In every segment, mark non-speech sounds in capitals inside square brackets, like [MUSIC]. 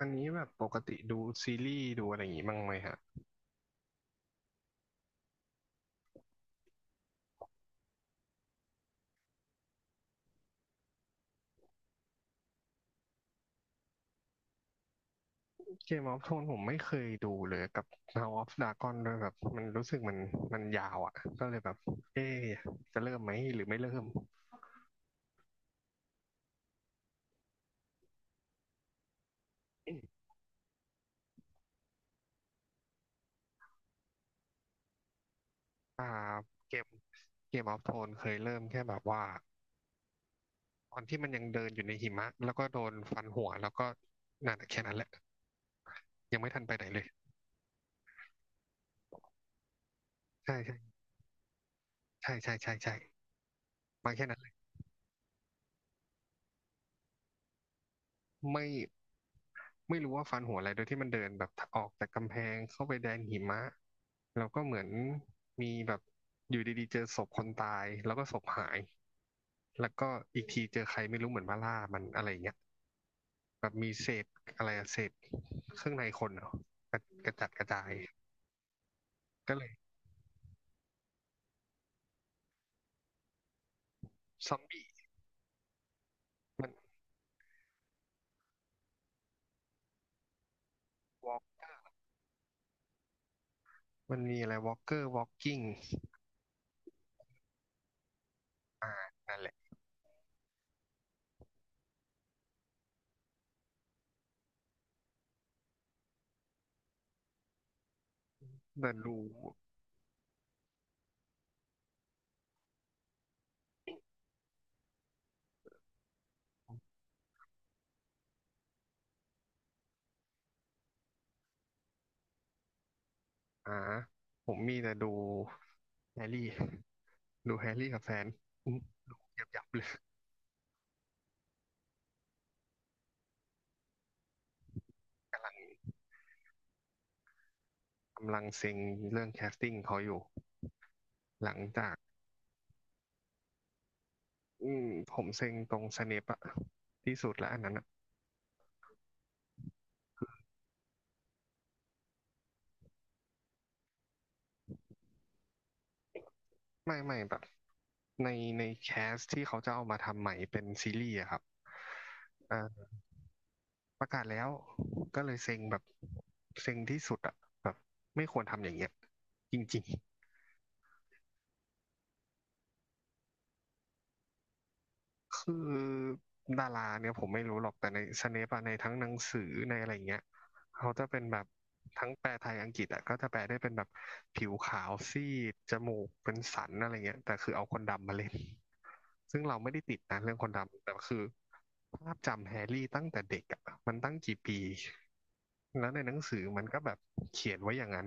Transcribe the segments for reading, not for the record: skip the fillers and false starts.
อันนี้แบบปกติดูซีรีส์ดูอะไรอย่างงี้บ้างไหมฮะเกมออฟโทนผมไม่เคยดูเลยกับ House of Dragon ด้วยแบบมันรู้สึกมันยาวอ่ะก็เลยแบบเอ๊ะจะเริ่มไหมหรือไม่เริ่มอ่าเกมเกมออฟโทนเคยเริ่มแค่แบบว่าตอนที่มันยังเดินอยู่ในหิมะแล้วก็โดนฟันหัวแล้วก็นั่นอะแค่นั้นแหละยังไม่ทันไปไหนเลยใช่ใช่ใช่ใช่ใช่ใช่มาแค่นั้นเลยไม่ ไม่รู้ว่าฟันหัวอะไรโดยที่มันเดินแบบออกจากกำแพงเข้าไปแดนหิมะแล้วก็เหมือนมีแบบอยู่ดีๆเจอศพคนตายแล้วก็ศพหายแล้วก็อีกทีเจอใครไม่รู้เหมือนมาล่ามันอะไรอย่างเงี้ยแบบมีเศษอะไรอะเศษเครื่องในคนเหรอกระกระจัดกระจายก็เลยซอมบี้มันวอล์กมันมีอะไรวอล์กเกอร์วอล์กกิ้งอ่านั่นแหละแต่ดูอ่าผมมีแต่ดูแฮร์รี่ดูแฮร์รี่กับแฟนอืมยับยับเลย กำลังเซ็งเรื่องแคสติ้งเขาอยู่หลังจากอืมผมเซ็งตรงสเนปอะที่สุดแล้วอันนั้นอะไม่แบบในในแคสที่เขาจะเอามาทำใหม่เป็นซีรีส์อะครับอ่าประกาศแล้วก็เลยเซ็งแบบเซ็งที่สุดอะแบบไม่ควรทำอย่างเงี้ยจริง คือดาราเนี่ยผมไม่รู้หรอกแต่ในสเนปอะในทั้งหนังสือในอะไรเงี้ยเขาจะเป็นแบบทั้งแปลไทยอังกฤษอะก็จะแปลได้เป็นแบบผิวขาวซีดจมูกเป็นสันอะไรเงี้ยแต่คือเอาคนดำมาเล่นซึ่งเราไม่ได้ติดนะเรื่องคนดำแต่คือภาพจำแฮร์รี่ตั้งแต่เด็กอะมันตั้งกี่ปีแล้วในหนังสือมันก็แบบเขียนไว้อย่างนั้น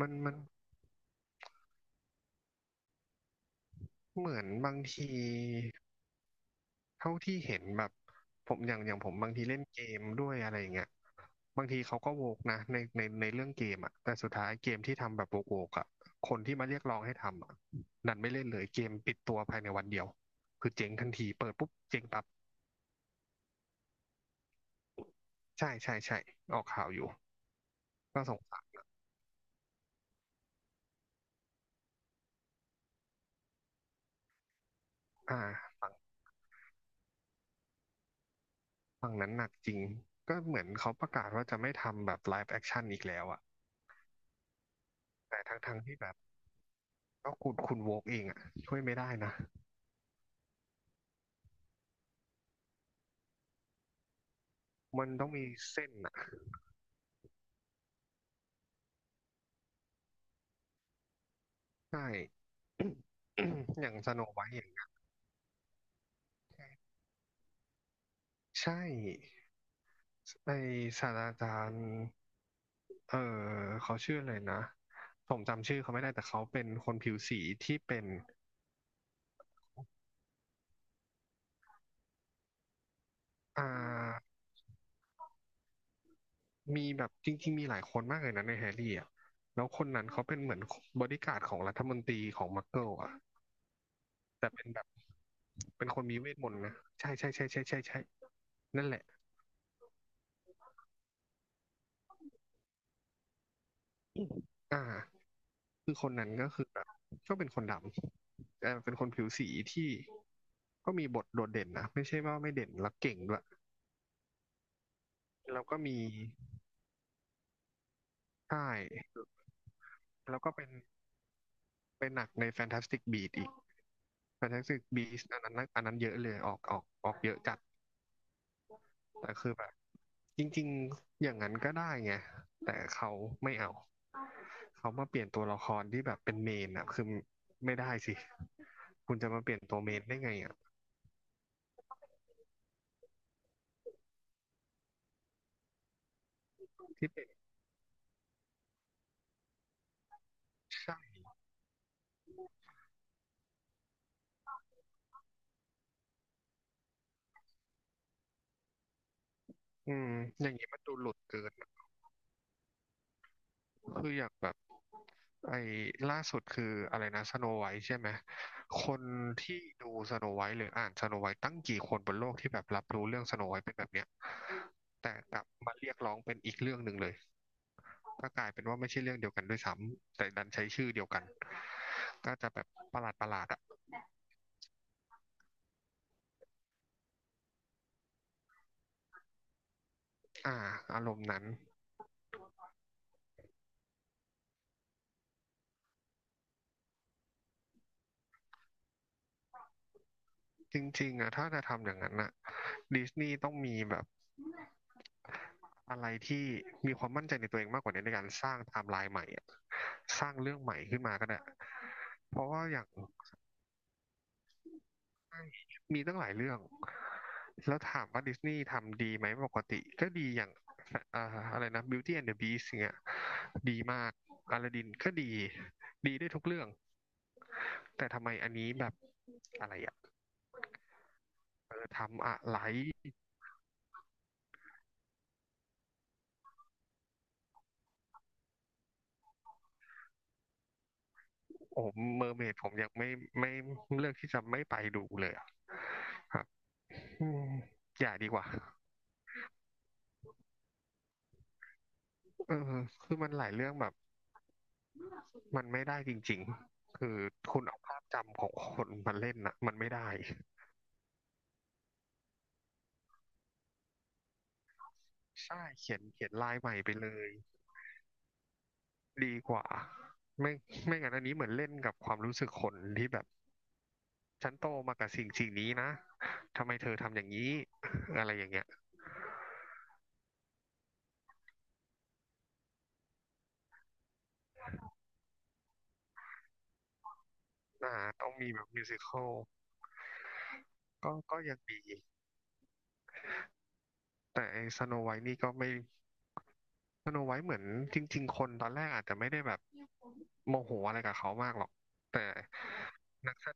มันเหมือนบางที เท่าที่เห็นแบบผมอย่างผมบางทีเล่นเกมด้วยอะไรอย่างเงี้ยบางทีเขาก็โวกนะในเรื่องเกมอ่ะแต่สุดท้ายเกมที่ทำแบบโวกอ่ะคนที่มาเรียกร้องให้ทำอ่ะดันไม่เล่นเลยเกมปิดตัวภายในวันเดียวคือเจ๊งทันทีเปิดปุ๊บเจ๊งปั๊บใช่ใช่ใช่ออกข่าวอยู่ก็สงสารอ่าฝั่งฝั่งนั้นหนักจริงก็เหมือนเขาประกาศว่าจะไม่ทำแบบไลฟ์แอคชั่นอีกแล้วอ่ะแต่ทั้งที่แบบก็คุณโวกเองอ่ะช่วยไม่ได้นะมันต้องมีเส้น ใช่ [COUGHS] อย่างสโนไวท์อย่างเงี้ยใช่ไอศาสตราจารย์เออเขาชื่ออะไรนะ ผมจำชื่อเขาไม่ได้ แต่เขาเป็นคนผิวสีที่เป็น อ่า มีแบบจริงๆมีหลายคนมากเลยนะในแฮร์รี่อ่ะแล้วคนนั้นเขาเป็นเหมือนบอดี้การ์ดของรัฐมนตรีของมักเกิลอ่ะแต่เป็นแบบ เป็นคนมีเวทมนต์นะ ใช่ใช่ใช่ใช่ใช่ใช่นั่นแหละอ่า คือคนนั้นก็คือแบบก็เป็นคนดำแต่เป็นคนผิวสีที่ก็มีบทโดดเด่นนะไม่ใช่ว่าไม่เด่นแล้วเก่งด้วยแล้วก็มีใช่แล้วก็เป็นเป็นหนักในแฟนตาสติกบี s อีกแฟนตาสติกบีสต์อันนั้นอันนั้นเยอะเลยออกเยอะจัดแต่คือแบบจริงๆอย่างนั้นก็ได้ไงแต่เขาไม่เอาเขามาเปลี่ยนตัวละครที่แบบเป็นเมนอะคือไม่ได้สิคุณจะมาเปลี่ยนตัวเมนได้ไงอะที่เป็นใช่ อืมอย่างนี้มันดูหลุดเกินคืออย่างแบบไอ้ล่าสุดคืออะไรนะสโนไวท์ใช่ไหมคนที่ดูสโนไวท์หรืออ่านสโนไวท์ตั้งกี่คนบนโลกที่แบบรับรู้เรื่องสโนไวท์เป็นแบบเนี้ยแต่กลับมาเรียกร้องเป็นอีกเรื่องหนึ่งเลยก็กลายเป็นว่าไม่ใช่เรื่องเดียวกันด้วยซ้ำแต่ดันใช้ชื่อเดียวกันก็จะแบบประหลาดอ่ะอ่าอารมณ์นั้นจริงๆอ่ะถ้าจะทำอย่างนั้นอ่ะดิสนีย์ต้องมีแบบ อะไรที่มีความมั่นใจในตัวเองมากกว่านี้ในการสร้างไทม์ไลน์ใหม่อะสร้างเรื่องใหม่ขึ้นมาก็ได้เพราะว่าอย่างมีตั้งหลายเรื่องแล้วถามว่าดิสนีย์ทำดีไหมปกติก็ดีอย่างอ่าอะไรนะ Beauty and the Beast งเงี้ยดีมากอลาดินก็ดีดีได้ทุกเรื่องแต่ทำไมอันนี้แบบอะไรอะเออทำอะไรโอ้เมอร์เมดผมยังไม่ไม่เลือกที่จะไม่ไปดูเลยอะ อืมอย่าดีกว่าเออคือมันหลายเรื่องแบบมันไม่ได้จริงๆ คือคุณเอาภาพจำของคนมาเล่นน่ะมันไม่ได้ ใช่เขียนลายใหม่ไปเลย ดีกว่า ไม่ไม่งั้นอันนี้เหมือนเล่นกับความรู้สึกคนที่แบบฉันโตมากับสิ่งนี้นะ ทำไมเธอทำอย่างนี้อะไรอย่างเงี้ยอ่าต้องมีแบบมิวสิคลก็ยังดี แต่ไอ้สโนไวท์นี่ก็ไม่ สโนไวท์เหมือนจริงๆคนตอนแรกอาจจะไม่ได้แบบโมโหอะไรกับเขามากหรอก แต่นักแส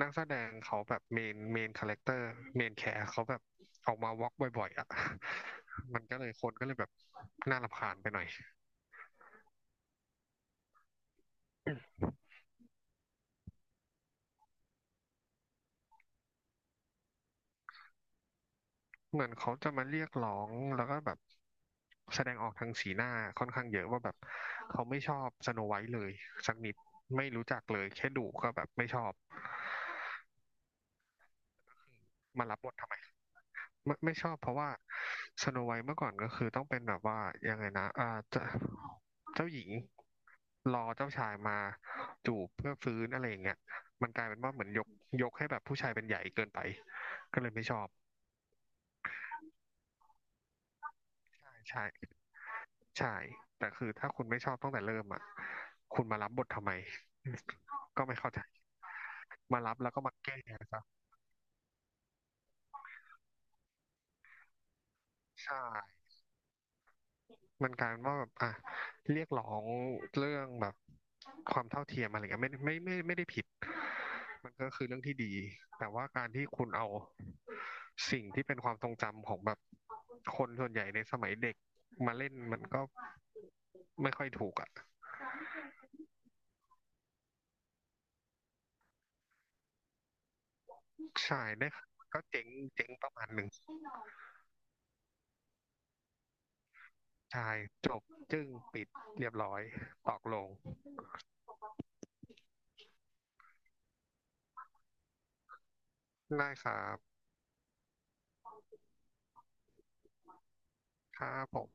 นักแสดงเขาแบบเมนคาแรคเตอร์เมนแคร์เขาแบบออกมาวอล์กบ่อยๆอ่ะ [LAUGHS] มันก็เลยคนก็เลยแบบน่ารำคาญไปหน่อย เหมือนเขาจะมาเรียกร้องแล้วก็แบบแสดงออกทางสีหน้าค่อนข้างเยอะว่าแบบเขาไม่ชอบสโนไวท์เลยสักนิดไม่รู้จักเลยแค่ดูก็แบบไม่ชอบ มารับบททำไมไม่ชอบเพราะว่าสโนไวท์เมื่อก่อนก็คือต้องเป็นแบบว่ายังไงนะเจ้าเจ้าหญิงรอเจ้าชายมาจูบเพื่อฟื้นอะไรอย่างเงี้ยมันกลายเป็นว่าเหมือนยกให้แบบผู้ชายเป็นใหญ่เกินไปก็เลยไม่ชอบใช่ใช่แต่คือถ้าคุณไม่ชอบตั้งแต่เริ่มอ่ะคุณมารับบททำไมก็ไม่เข้าใจมารับแล้วก็มาแก้ซะใช่ มันกลารเว่าแบบอ่ะเรียกร้องเรื่องแบบความเท่าเทียมอะไรเงี้ยไม่ได้ผิดมันก็คือเรื่องที่ดีแต่ว่าการที่คุณเอาสิ่งที่เป็นความทรงจำของแบบคนส่วนใหญ่ในสมัยเด็กมาเล่นมันก็ไม่ค่อยถูกอ่ะใช่ได้ก็เจ๋งประมาณหนึ่งใช่จบจึ้งปิดเรียบร้อยตอกลงได้ครับครับผม